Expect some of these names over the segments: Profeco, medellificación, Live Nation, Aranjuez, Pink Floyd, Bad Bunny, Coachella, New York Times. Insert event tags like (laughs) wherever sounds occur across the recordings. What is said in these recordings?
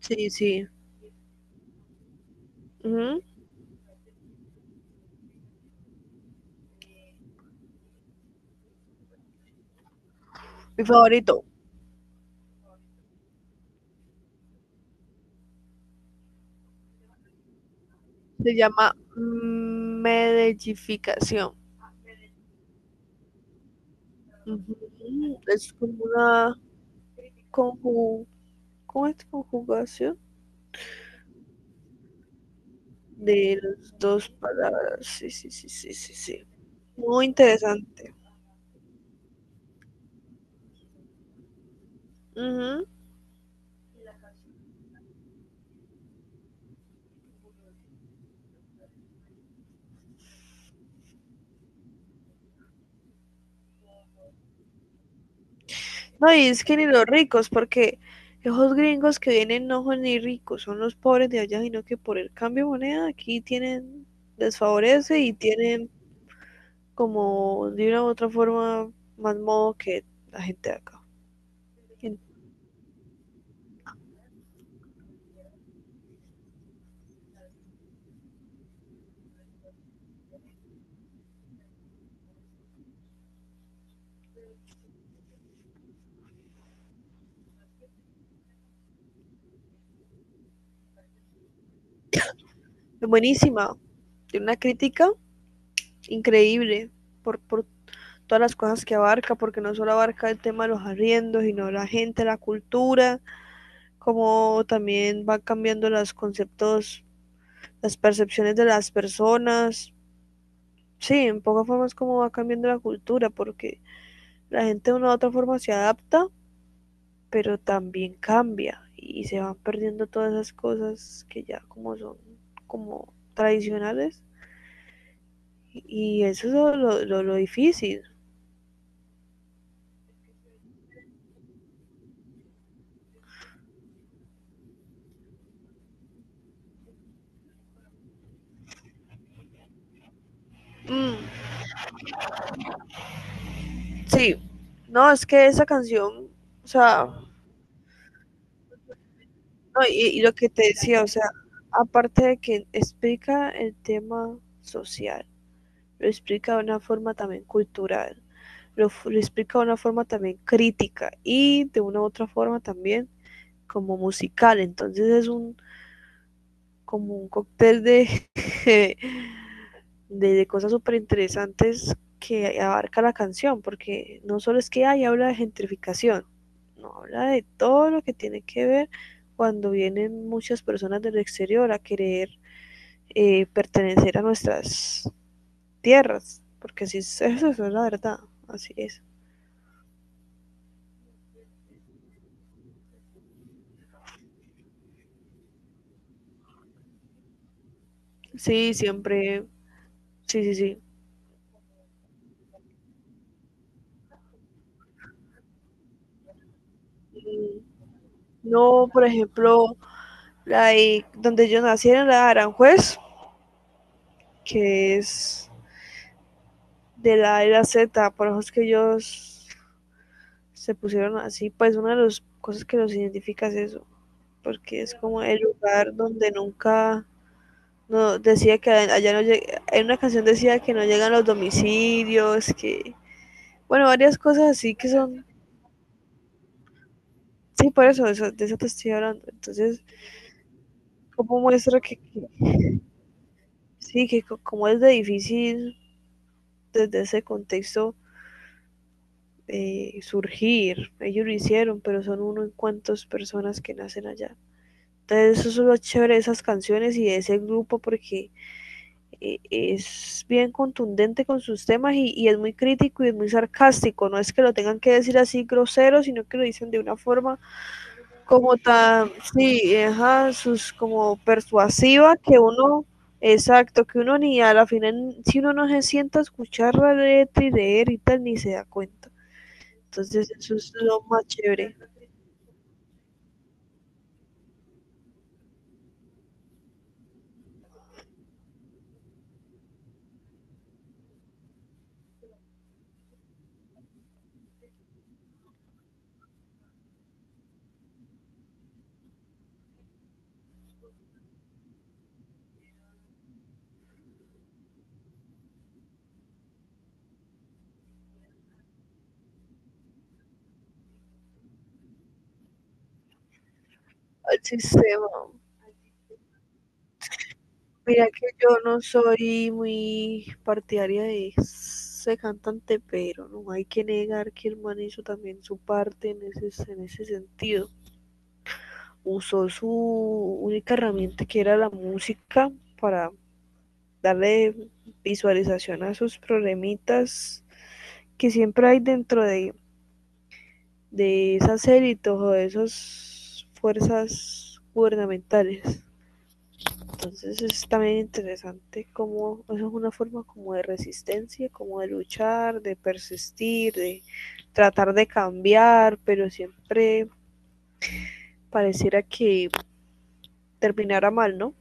Sí, sí. Ujú. Mi favorito se llama medellificación. Ujú. Es como una conju- ¿cómo es? Conjugación de las dos palabras. Sí, sí, sí, sí, sí, sí. Muy interesante. Ujú. No, y es que ni los ricos, porque esos gringos que vienen no son ni ricos, son los pobres de allá, sino que por el cambio de moneda aquí tienen, les favorece y tienen como de una u otra forma más modo que la gente de acá. Buenísima, tiene una crítica increíble por todas las cosas que abarca, porque no solo abarca el tema de los arriendos, sino la gente, la cultura, como también va cambiando los conceptos, las percepciones de las personas. Sí, en pocas formas como va cambiando la cultura, porque la gente de una u otra forma se adapta, pero también cambia y se van perdiendo todas esas cosas que ya como son como tradicionales, y eso es lo difícil. Mm, sí, no, es que esa canción, o sea, no, y lo que te decía, o sea, aparte de que explica el tema social, lo explica de una forma también cultural, explica de una forma también crítica y de una u otra forma también como musical. Entonces es un como un cóctel de, (laughs) de, de cosas súper interesantes que abarca la canción, porque no solo es que hay habla de gentrificación, no habla de todo lo que tiene que ver cuando vienen muchas personas del exterior a querer pertenecer a nuestras tierras, porque así es, (laughs) eso es la verdad, así es. Sí, siempre, sí, sí, sí. Mm. No, por ejemplo, donde yo nací, en la de Aranjuez, que es de la era Z, por eso es que ellos se pusieron así, pues una de las cosas que los identifica es eso, porque es como el lugar donde nunca no decía que allá no llega, en una canción decía que no llegan los domicilios, que bueno, varias cosas así que son, sí, por eso, eso de eso te estoy hablando. Entonces, como muestra que sí, que como es de difícil desde ese contexto surgir, ellos lo hicieron, pero son uno en cuantos personas que nacen allá. Entonces eso es lo chévere de esas canciones y de ese grupo porque es bien contundente con sus temas y es muy crítico y es muy sarcástico. No es que lo tengan que decir así grosero, sino que lo dicen de una forma como tan, sí, ajá, sus como persuasiva que uno, exacto, que uno ni a la final, si uno no se sienta a escuchar la letra y leer y tal, ni se da cuenta. Entonces eso es lo más chévere al sistema. Mira que yo no soy muy partidaria de ese cantante, pero no hay que negar que el man hizo también su parte en ese sentido. Usó su única herramienta, que era la música, para darle visualización a sus problemitas que siempre hay dentro de esas élites o de esas fuerzas gubernamentales. Entonces es también interesante como es una forma como de resistencia, como de luchar, de persistir, de tratar de cambiar, pero siempre pareciera que terminara mal, ¿no?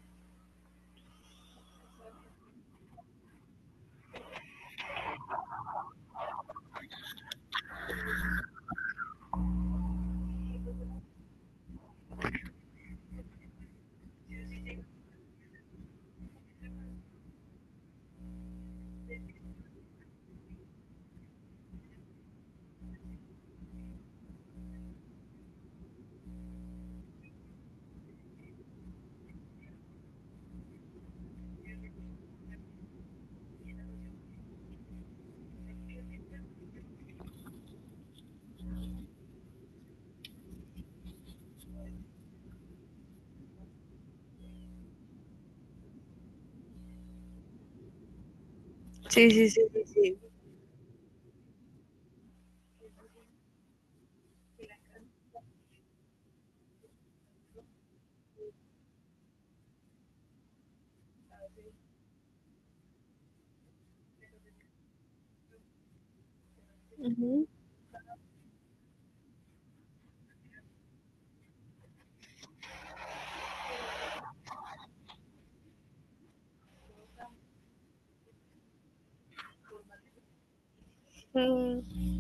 Sí, sí, sí, sí, sí. Ujú. Mm.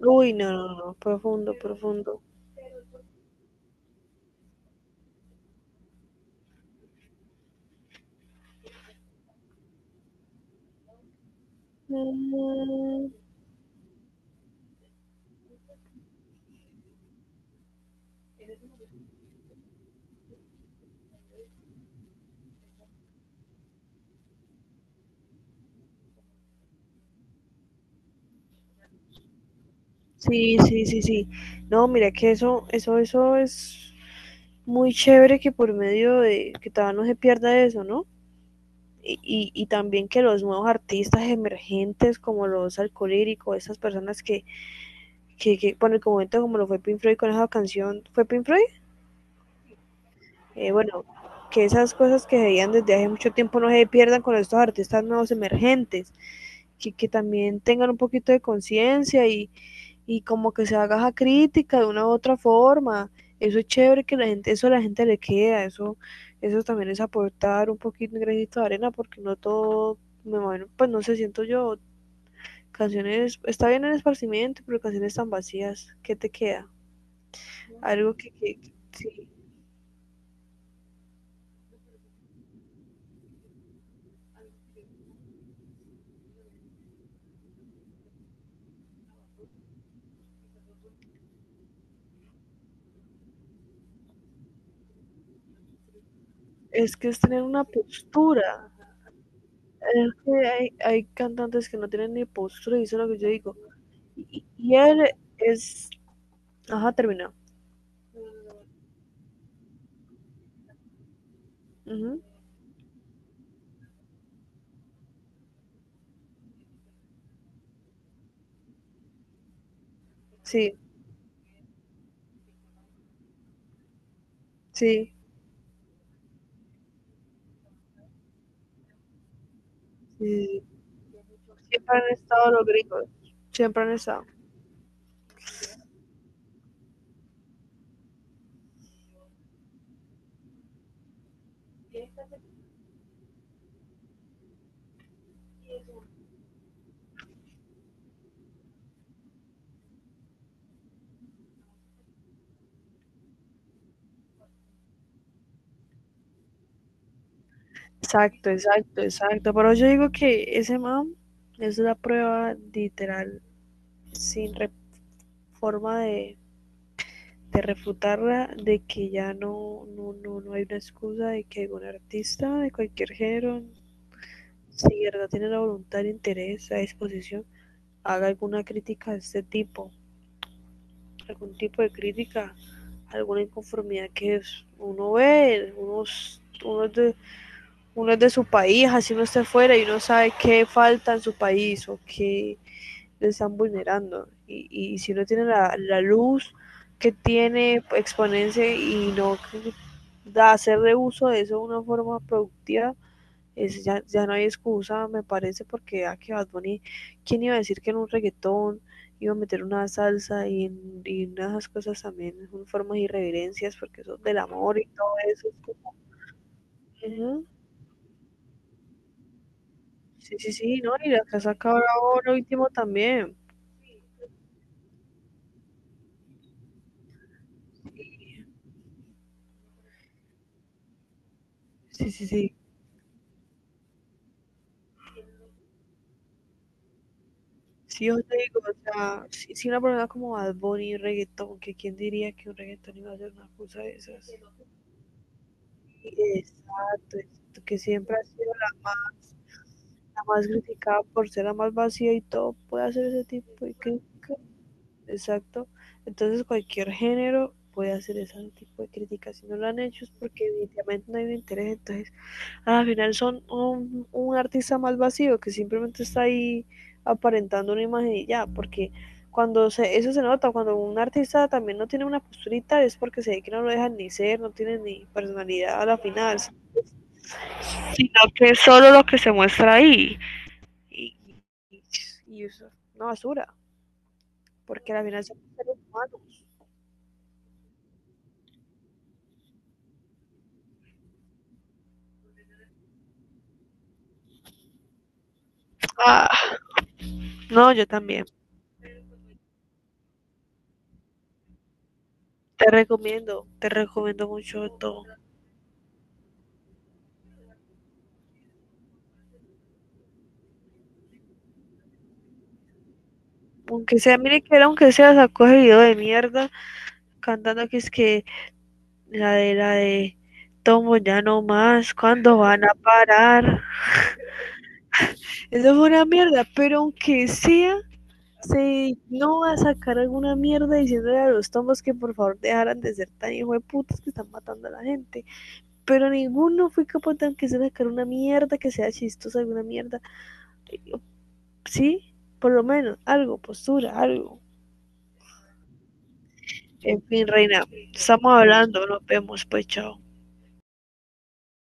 Uy, no, no, no, profundo, profundo. Mm. Sí, sí, sí, sí. No, mira que eso es muy chévere, que por medio de que todavía no se pierda eso, ¿no? Y, y también que los nuevos artistas emergentes como los alcohólicos, esas personas que bueno, en el momento como lo fue Pink Floyd con esa canción, ¿fue Pink Floyd? Bueno, que esas cosas que se veían desde hace mucho tiempo no se pierdan con estos artistas nuevos emergentes, que también tengan un poquito de conciencia y como que se haga esa crítica de una u otra forma. Eso es chévere que la gente, eso a la gente le queda, eso también es aportar un poquito, un granito de arena, porque no todo, me bueno, pues no se sé, siento yo, canciones, está bien el esparcimiento, pero canciones tan vacías, ¿qué te queda? Algo que sí, es que es tener una postura. Es que hay cantantes que no tienen ni postura y eso es lo que yo digo. Y él es, ajá, terminó. Ujú. Sí, sí, sí, sí. Sí. Siempre han estado los gringos, siempre han estado. Exacto, exacto, exacto. Pero yo digo que ese man es la prueba literal, sin re- forma de refutarla, de que ya no, no, no, no hay una excusa de que algún artista de cualquier género, si de verdad tiene la voluntad, el interés, la disposición, haga alguna crítica de este tipo, algún tipo de crítica, alguna inconformidad que uno ve, unos, uno es de su país, así uno está fuera y uno sabe qué falta en su país o qué le están vulnerando. Y si no tiene la luz que tiene, exponerse y no da, hacer de uso de eso de una forma productiva, es, ya, ya no hay excusa, me parece, porque a que Bad Bunny, ¿quién iba a decir que en un reggaetón iba a meter una salsa y unas cosas también, son formas de irreverencias, porque eso del amor y todo eso es como, ujú, sí, sí, sí, no, y la casa cabra ahora último también. Sí, sí, sí. Sí, yo te digo, o sea, si, si una persona como Bad Bunny, reggaetón, que quién diría que un reggaetón iba a ser una cosa de esas. Exacto, exacto, que siempre ha sido la más criticada por ser la más vacía y todo, puede hacer ese tipo de crítica. Exacto. Entonces cualquier género puede hacer ese tipo de crítica. Si no lo han hecho es porque evidentemente no hay un interés, entonces al final son un artista más vacío que simplemente está ahí aparentando una imagen y ya, porque cuando se, eso se nota, cuando un artista también no tiene una posturita es porque se ve que no lo dejan ni ser, no tiene ni personalidad a la final, sino que es solo lo que se muestra ahí. Y, y- y eso es una basura, porque a la final son seres humanos. Ah, no, yo también. Te recomiendo mucho todo. Aunque sea, mire que era, aunque sea, sacó ese video de mierda, cantando que es que la de tomo ya no más, ¿cuándo van a parar? Eso fue una mierda, pero aunque sea, se no va a sacar alguna mierda diciéndole a los tomos que por favor dejaran de ser tan hijo de putas que están matando a la gente. Pero ninguno fue capaz de aunque sea sacar una mierda que sea chistosa, alguna mierda. Sí, por lo menos, algo, postura, algo. En fin, reina, estamos hablando, nos vemos, pues chao.